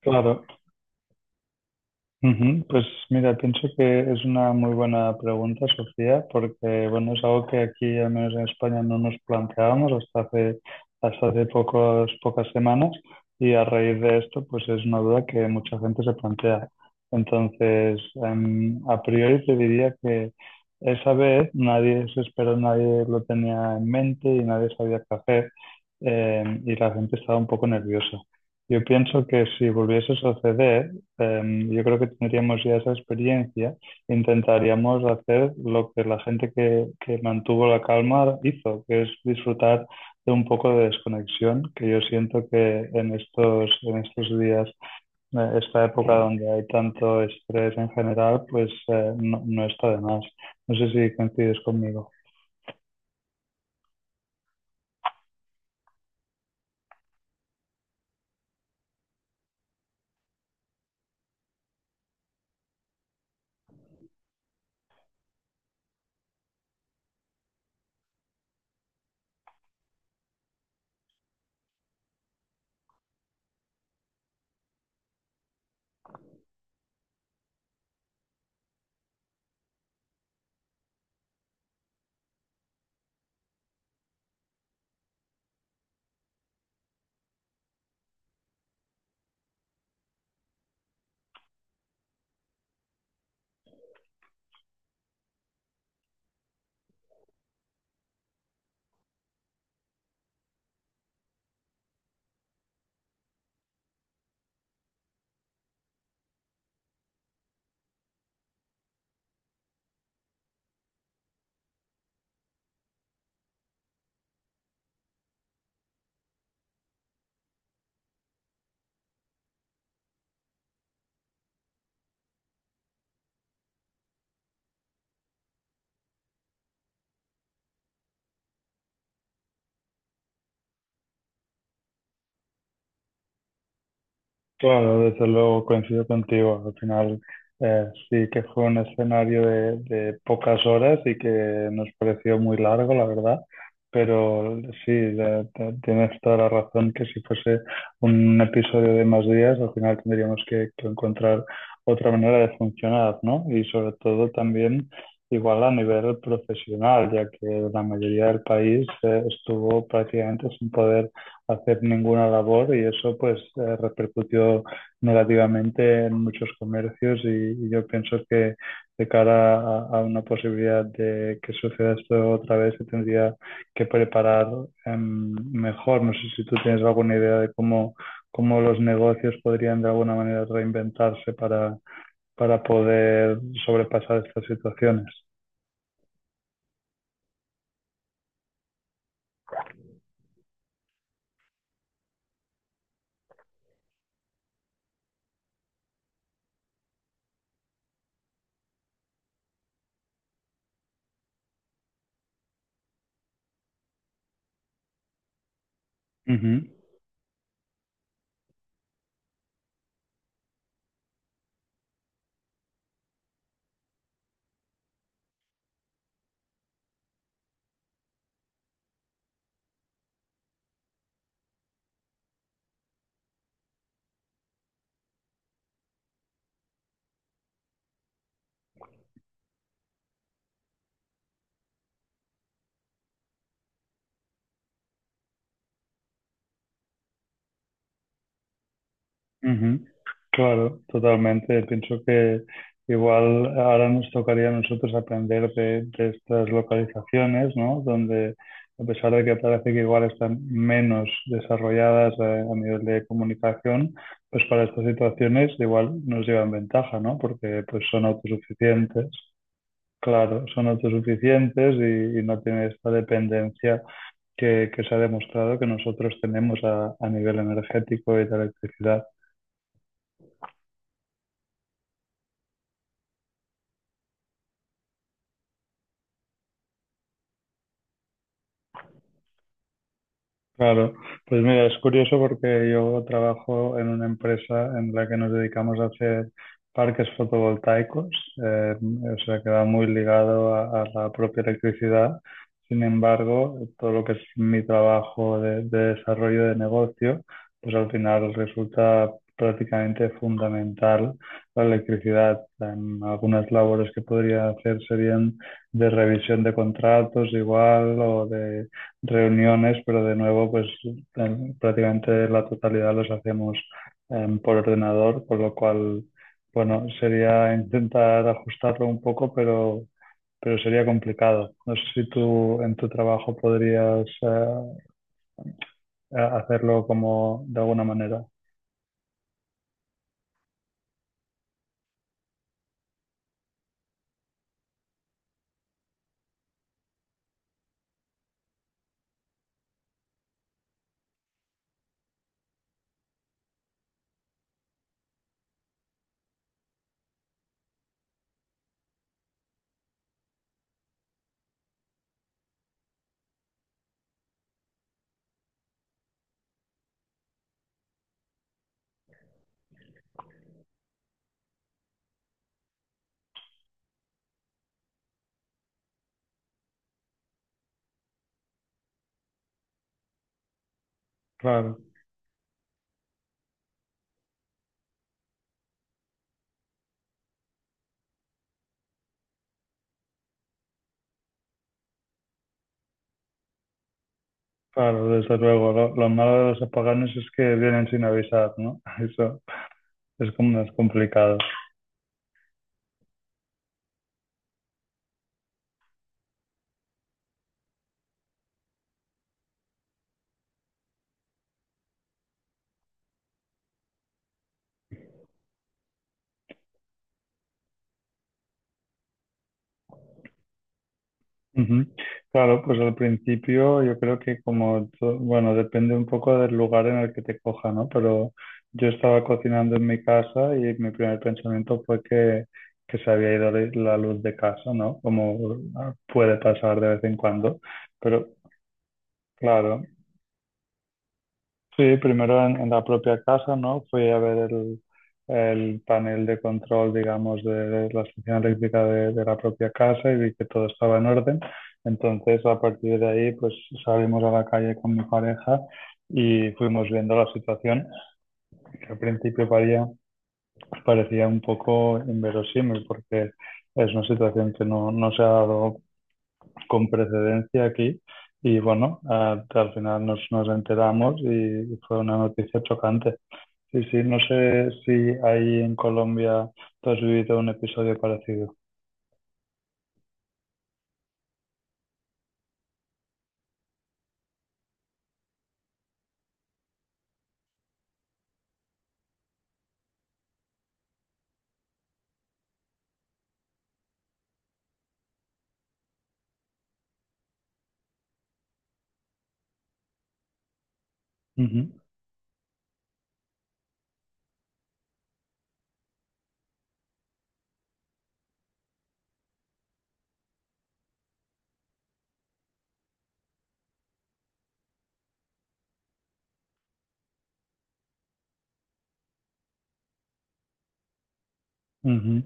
Claro. Ujú. Pues mira, pienso que es una muy buena pregunta, Sofía, porque bueno, es algo que aquí, al menos en España, no nos planteábamos hasta hace pocas semanas y a raíz de esto, pues es una duda que mucha gente se plantea. Entonces, a priori te diría que esa vez nadie se esperó, nadie lo tenía en mente y nadie sabía qué hacer, y la gente estaba un poco nerviosa. Yo pienso que si volviese a suceder, yo creo que tendríamos ya esa experiencia, intentaríamos hacer lo que la gente que mantuvo la calma hizo, que es disfrutar de un poco de desconexión, que yo siento que en estos días, esta época donde hay tanto estrés en general, pues no, no está de más. No sé si coincides conmigo. Claro, desde luego coincido contigo. Al final sí que fue un escenario de pocas horas y que nos pareció muy largo, la verdad. Pero sí, tienes toda la razón que si fuese un episodio de más días, al final tendríamos que encontrar otra manera de funcionar, ¿no? Y sobre todo también igual a nivel profesional, ya que la mayoría del país estuvo prácticamente sin poder hacer ninguna labor y eso pues repercutió negativamente en muchos comercios y yo pienso que de cara a una posibilidad de que suceda esto otra vez se tendría que preparar mejor. No sé si tú tienes alguna idea de cómo, cómo los negocios podrían de alguna manera reinventarse para poder sobrepasar estas situaciones. Uh -huh, uh -huh. Claro, totalmente. Pienso que igual ahora nos tocaría a nosotros aprender de estas localizaciones, ¿no? Donde, a pesar de que parece que igual están menos desarrolladas a nivel de comunicación, pues para estas situaciones igual nos llevan ventaja, ¿no? Porque pues son autosuficientes. Claro, son autosuficientes y no tienen esta dependencia que se ha demostrado que nosotros tenemos a nivel energético y de electricidad. Claro, pues mira, es curioso porque yo trabajo en una empresa en la que nos dedicamos a hacer parques fotovoltaicos, o sea, que va muy ligado a la propia electricidad. Sin embargo, todo lo que es mi trabajo de desarrollo de negocio, pues al final resulta prácticamente fundamental la electricidad. En algunas labores que podría hacer serían de revisión de contratos igual o reuniones, pero de nuevo, pues prácticamente la totalidad los hacemos por ordenador, con lo cual, bueno, sería intentar ajustarlo un poco, pero sería complicado. No sé si tú en tu trabajo podrías hacerlo como de alguna manera. Claro, claro, desde luego. Lo malo de los apagones es que vienen sin avisar, ¿no? Eso es como más complicado. Ujú. Claro, pues al principio yo creo que como, bueno, depende un poco del lugar en el que te coja, ¿no? Pero yo estaba cocinando en mi casa y mi primer pensamiento fue que se había ido la luz de casa, ¿no? Como ah, puede pasar de vez en cuando. Pero claro, sí, primero en la propia casa, ¿no? Fui a ver el panel de control, digamos, de la estación eléctrica de la propia casa y vi que todo estaba en orden. Entonces, a partir de ahí, pues salimos a la calle con mi pareja y fuimos viendo la situación, que al principio parecía parecía un poco inverosímil porque es una situación que no, no se ha dado con precedencia aquí. Y bueno, ah, al final nos, nos enteramos y fue una noticia chocante. Sí, sí, no sé si ahí en Colombia tú has vivido un episodio parecido. Ujú, ujú,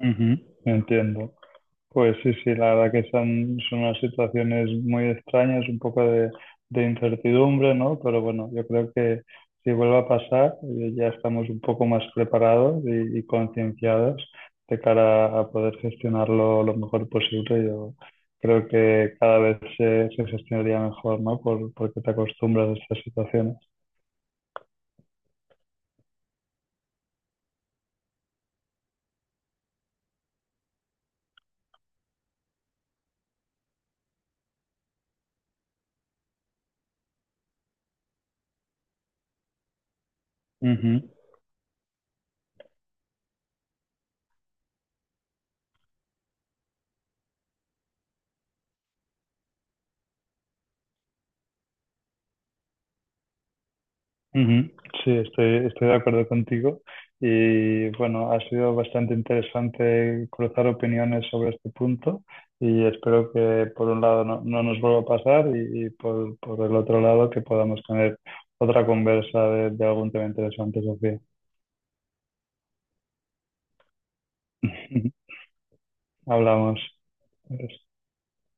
ujú. Entiendo. Pues sí, sí, la verdad que son, son unas situaciones muy extrañas, un poco de incertidumbre, ¿no? Pero bueno, yo creo que si vuelve a pasar, ya estamos un poco más preparados y concienciados de cara a poder gestionarlo lo mejor posible. Yo creo que cada vez se, se gestionaría mejor, ¿no? Por, porque te acostumbras a estas situaciones. Ujú, ujú. Sí, estoy, estoy de acuerdo contigo. Y bueno, ha sido bastante interesante cruzar opiniones sobre este punto y espero que por un lado no, no nos vuelva a pasar y por el otro lado que podamos tener otra conversa de algún tema interesante, Sofía. Hablamos.